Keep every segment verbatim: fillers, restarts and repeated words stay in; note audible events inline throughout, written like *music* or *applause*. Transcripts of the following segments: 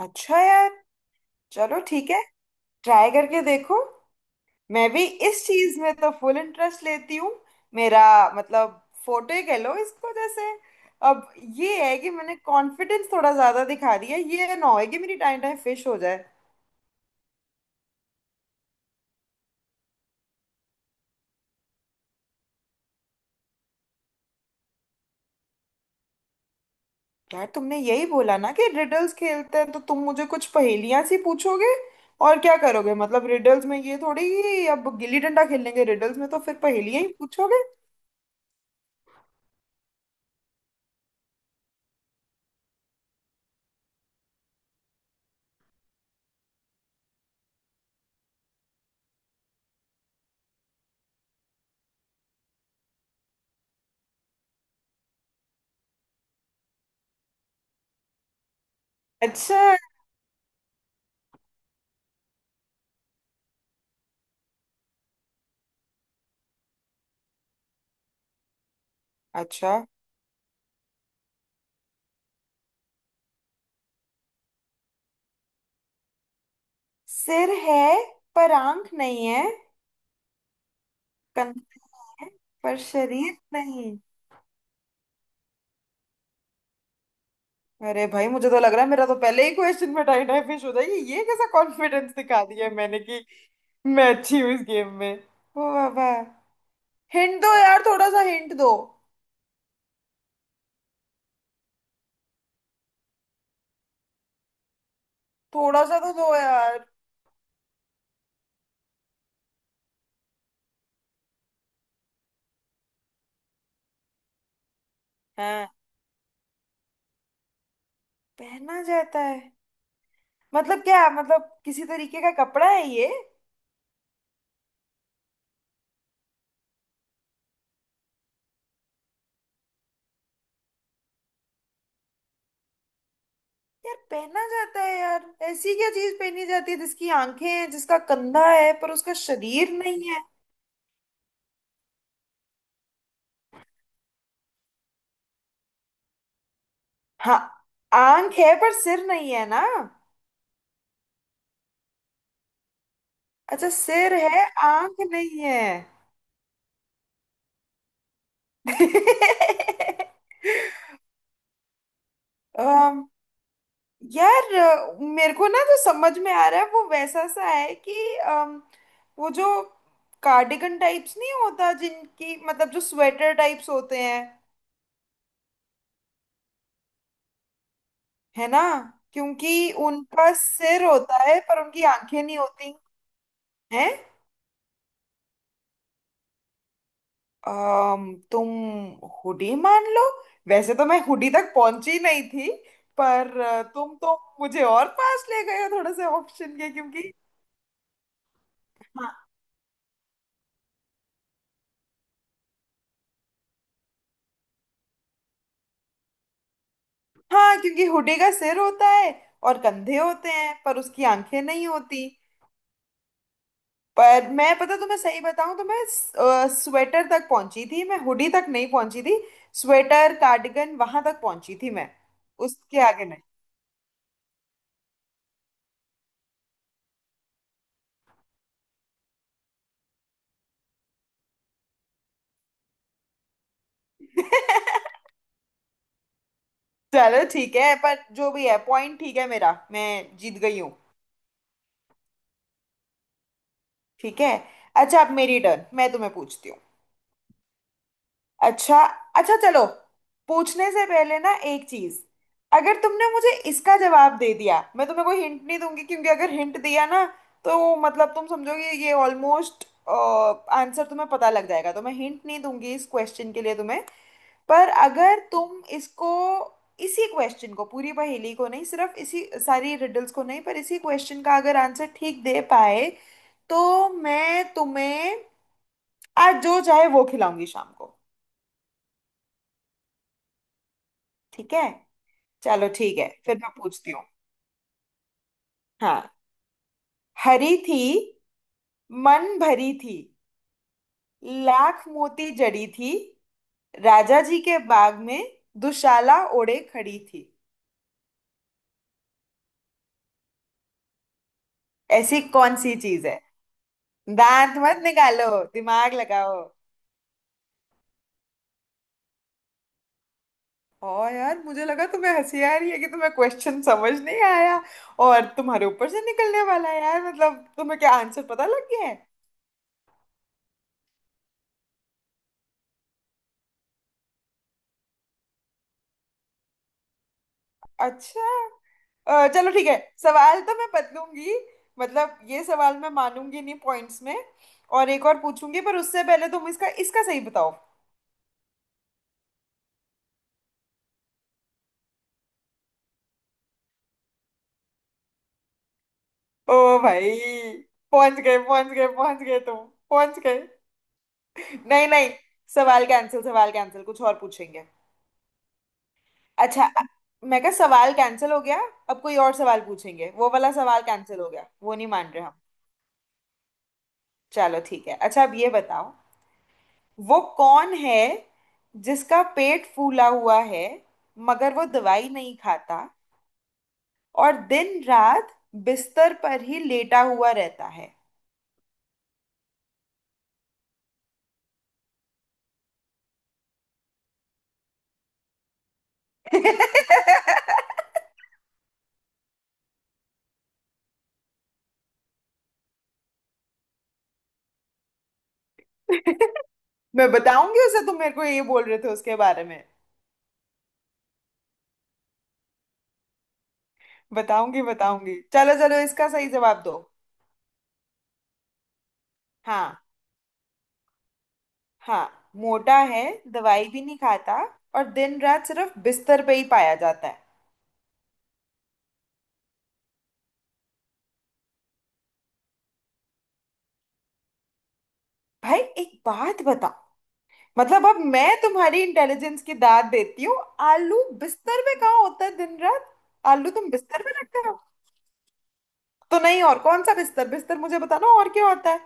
अच्छा यार। चलो ठीक है, ट्राई करके देखो। मैं भी इस चीज में तो फुल इंटरेस्ट लेती हूँ। मेरा मतलब, फोटो ही कह लो इसको। जैसे अब ये है कि मैंने कॉन्फिडेंस थोड़ा ज्यादा दिखा दिया, ये ना हो कि मेरी टाइम टाइम फिश हो जाए। यार तुमने यही बोला ना कि रिडल्स खेलते हैं, तो तुम मुझे कुछ पहेलियां सी पूछोगे और क्या करोगे। मतलब रिडल्स में ये थोड़ी कि अब गिल्ली डंडा खेलेंगे। रिडल्स में तो फिर पहेलियां ही पूछोगे। अच्छा। अच्छा। सिर है पर आंख नहीं है। कंधे पर शरीर नहीं। अरे भाई, मुझे तो लग रहा है मेरा तो पहले ही क्वेश्चन में टाई टाई फिश हो जाएगी। ये कैसा कॉन्फिडेंस दिखा दिया मैंने कि मैं अच्छी हूँ इस गेम में। ओ बाबा, हिंट दो यार, थोड़ा सा हिंट दो। थोड़ा सा तो दो यार। हाँ, पहना जाता है। मतलब क्या मतलब, किसी तरीके का कपड़ा है ये? यार पहना जाता है यार, ऐसी क्या चीज पहनी जाती है जिसकी आंखें हैं, जिसका कंधा है पर उसका शरीर नहीं है? हाँ, आंख है पर सिर नहीं है ना। अच्छा, सिर है आंख नहीं है। *laughs* अम, यार अ, मेरे को ना जो समझ में आ रहा है वो वैसा सा है कि अम, वो जो कार्डिगन टाइप्स नहीं होता, जिनकी मतलब जो स्वेटर टाइप्स होते हैं, है ना? क्योंकि उनका सिर होता है पर उनकी आंखें नहीं होती हैं। अम, तुम हुडी मान लो। वैसे तो मैं हुडी तक पहुंची नहीं थी, पर अ, तुम तो मुझे और पास ले गए हो थोड़े से ऑप्शन के। क्योंकि हाँ हाँ, क्योंकि हुडी का सिर होता है और कंधे होते हैं पर उसकी आंखें नहीं होती। पर मैं पता तुम्हें सही बताऊं तो मैं स्वेटर तक पहुंची थी, मैं हुडी तक नहीं पहुंची थी। स्वेटर कार्डिगन वहां तक पहुंची थी मैं, उसके आगे नहीं। *laughs* चलो ठीक है, पर जो भी है पॉइंट ठीक है मेरा, मैं जीत गई हूँ। ठीक है। अच्छा, अब मेरी टर्न, मैं तुम्हें पूछती हूँ। अच्छा। अच्छा चलो, पूछने से पहले ना एक चीज, अगर तुमने मुझे इसका जवाब दे दिया, मैं तुम्हें कोई हिंट नहीं दूंगी। क्योंकि अगर हिंट दिया ना तो मतलब तुम समझोगे, ये ऑलमोस्ट आंसर तुम्हें पता लग जाएगा। तो मैं हिंट नहीं दूंगी इस क्वेश्चन के लिए तुम्हें। पर अगर तुम इसको, इसी क्वेश्चन को, पूरी पहेली को नहीं, सिर्फ इसी, सारी रिडल्स को नहीं, पर इसी क्वेश्चन का अगर आंसर ठीक दे पाए, तो मैं तुम्हें आज जो चाहे वो खिलाऊंगी शाम को। ठीक है। चलो ठीक है, फिर मैं पूछती हूँ। हाँ, हरी थी, मन भरी थी, लाख मोती जड़ी थी, राजा जी के बाग में दुशाला ओढ़े खड़ी थी। ऐसी कौन सी चीज है? दांत मत निकालो, दिमाग लगाओ। और यार मुझे लगा तुम्हें हंसी आ रही है कि तुम्हें क्वेश्चन समझ नहीं आया, और तुम्हारे ऊपर से निकलने वाला है यार। मतलब तुम्हें क्या आंसर पता लग गया है? अच्छा। अ, चलो ठीक है, सवाल तो मैं बदलूंगी। मतलब ये सवाल मैं मानूंगी नहीं पॉइंट्स में, और एक और पूछूंगी। पर उससे पहले तुम इसका, इसका सही बताओ। ओ भाई, पहुंच गए पहुंच गए पहुंच गए तुम, पहुंच गए। नहीं नहीं, सवाल कैंसिल, सवाल कैंसिल, कुछ और पूछेंगे। अच्छा अ- मैं कहा सवाल कैंसिल हो गया, अब कोई और सवाल पूछेंगे। वो वाला सवाल कैंसिल हो गया, वो नहीं मान रहे हम। चलो ठीक है, अच्छा अब ये बताओ, वो कौन है जिसका पेट फूला हुआ है, मगर वो दवाई नहीं खाता, और दिन रात बिस्तर पर ही लेटा हुआ रहता है? *laughs* मैं बताऊंगी उसे, तुम मेरे को ये बोल रहे थे उसके बारे में। बताऊंगी बताऊंगी, चलो चलो इसका सही जवाब दो। हाँ। हाँ, मोटा है। दवाई भी नहीं खाता, और दिन रात सिर्फ बिस्तर पे ही पाया जाता है। भाई एक बात, मतलब अब मैं तुम्हारी इंटेलिजेंस की दाद देती हूँ। आलू बिस्तर में कहाँ होता है दिन रात? आलू तुम बिस्तर में रखते हो तो? नहीं, और कौन सा बिस्तर बिस्तर, मुझे बताना और क्या होता है।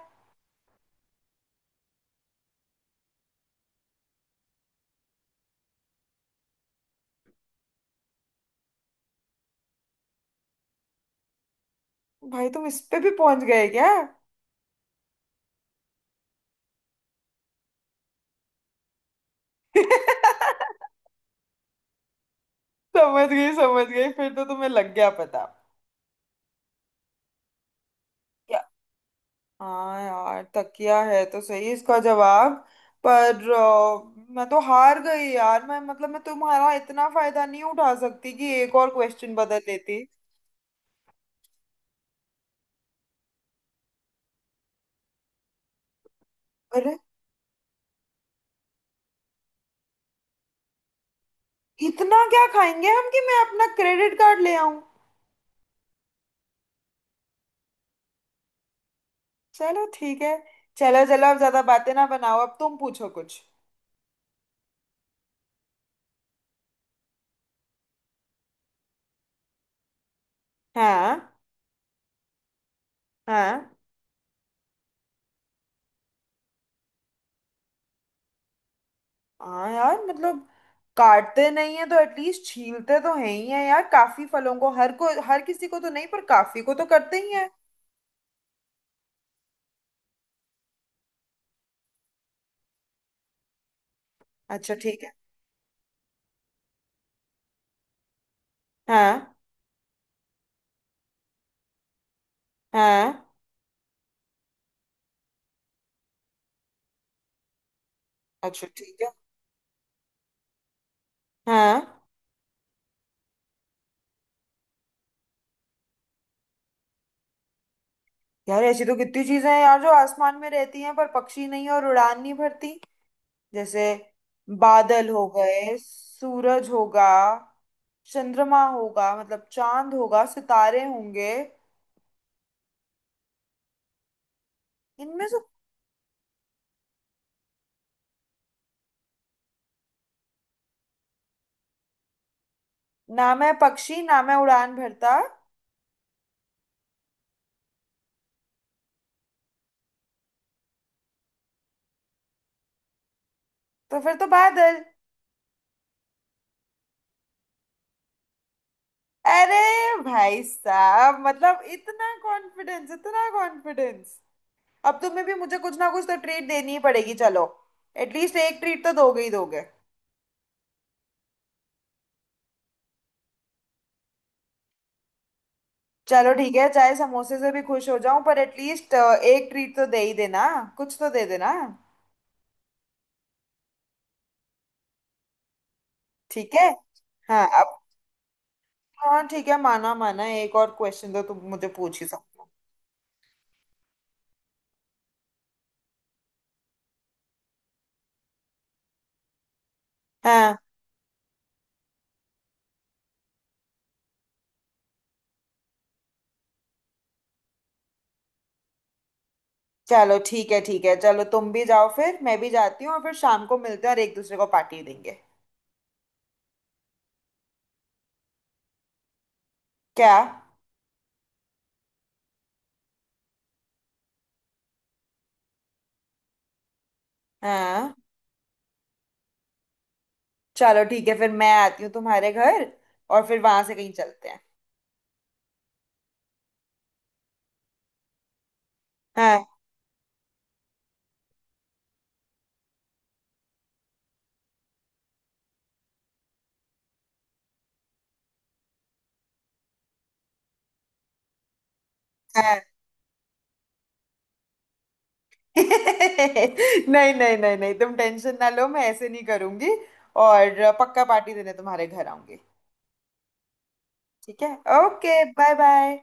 भाई तुम इस पे भी पहुंच गए क्या? *laughs* समझ गई समझ गई, फिर तो तुम्हें लग गया पता। क्या? हाँ यार, तकिया है तो सही इसका जवाब। पर अ, मैं तो हार गई यार। मैं मतलब मैं तुम्हारा इतना फायदा नहीं उठा सकती कि एक और क्वेश्चन बदल लेती। इतना क्या खाएंगे हम कि मैं अपना क्रेडिट कार्ड ले आऊं? चलो ठीक है। चलो चलो, अब ज्यादा बातें ना बनाओ, अब तुम पूछो कुछ। हाँ। हाँ। हाँ यार, मतलब काटते नहीं है तो एटलीस्ट छीलते तो है ही है यार, काफी फलों को। हर को, हर किसी को तो नहीं पर काफी को तो करते ही है। अच्छा ठीक है। हाँ। हाँ, अच्छा ठीक है। हाँ यार, ऐसी तो कितनी चीजें हैं यार जो आसमान में रहती हैं पर पक्षी नहीं और उड़ान नहीं भरती। जैसे बादल हो गए, सूरज होगा, चंद्रमा होगा, मतलब चांद होगा, सितारे होंगे। इनमें से ना मैं पक्षी, ना मैं उड़ान भरता। तो फिर तो बादल। अरे भाई साहब, मतलब इतना कॉन्फिडेंस, इतना कॉन्फिडेंस। अब तुम्हें भी मुझे कुछ ना कुछ तो ट्रीट देनी ही पड़ेगी, चलो। एटलीस्ट एक ट्रीट तो दोगे ही दोगे। चलो ठीक है, चाहे समोसे से भी खुश हो जाऊं, पर एटलीस्ट एक ट्रीट तो दे ही देना, कुछ तो दे देना। ठीक है। हाँ। हाँ ठीक है, माना माना, एक और क्वेश्चन तो तुम मुझे पूछ ही सकते हो। हाँ। चलो ठीक है, ठीक है, चलो तुम भी जाओ फिर, मैं भी जाती हूँ, और फिर शाम को मिलते हैं और एक दूसरे को पार्टी देंगे। क्या? हाँ, चलो ठीक है, फिर मैं आती हूँ तुम्हारे घर और फिर वहां से कहीं चलते हैं। हाँ। हाँ। *laughs* नहीं नहीं नहीं नहीं, तुम टेंशन ना लो, मैं ऐसे नहीं करूंगी। और पक्का पार्टी देने तुम्हारे घर आऊंगी। ठीक है। Okay, bye bye.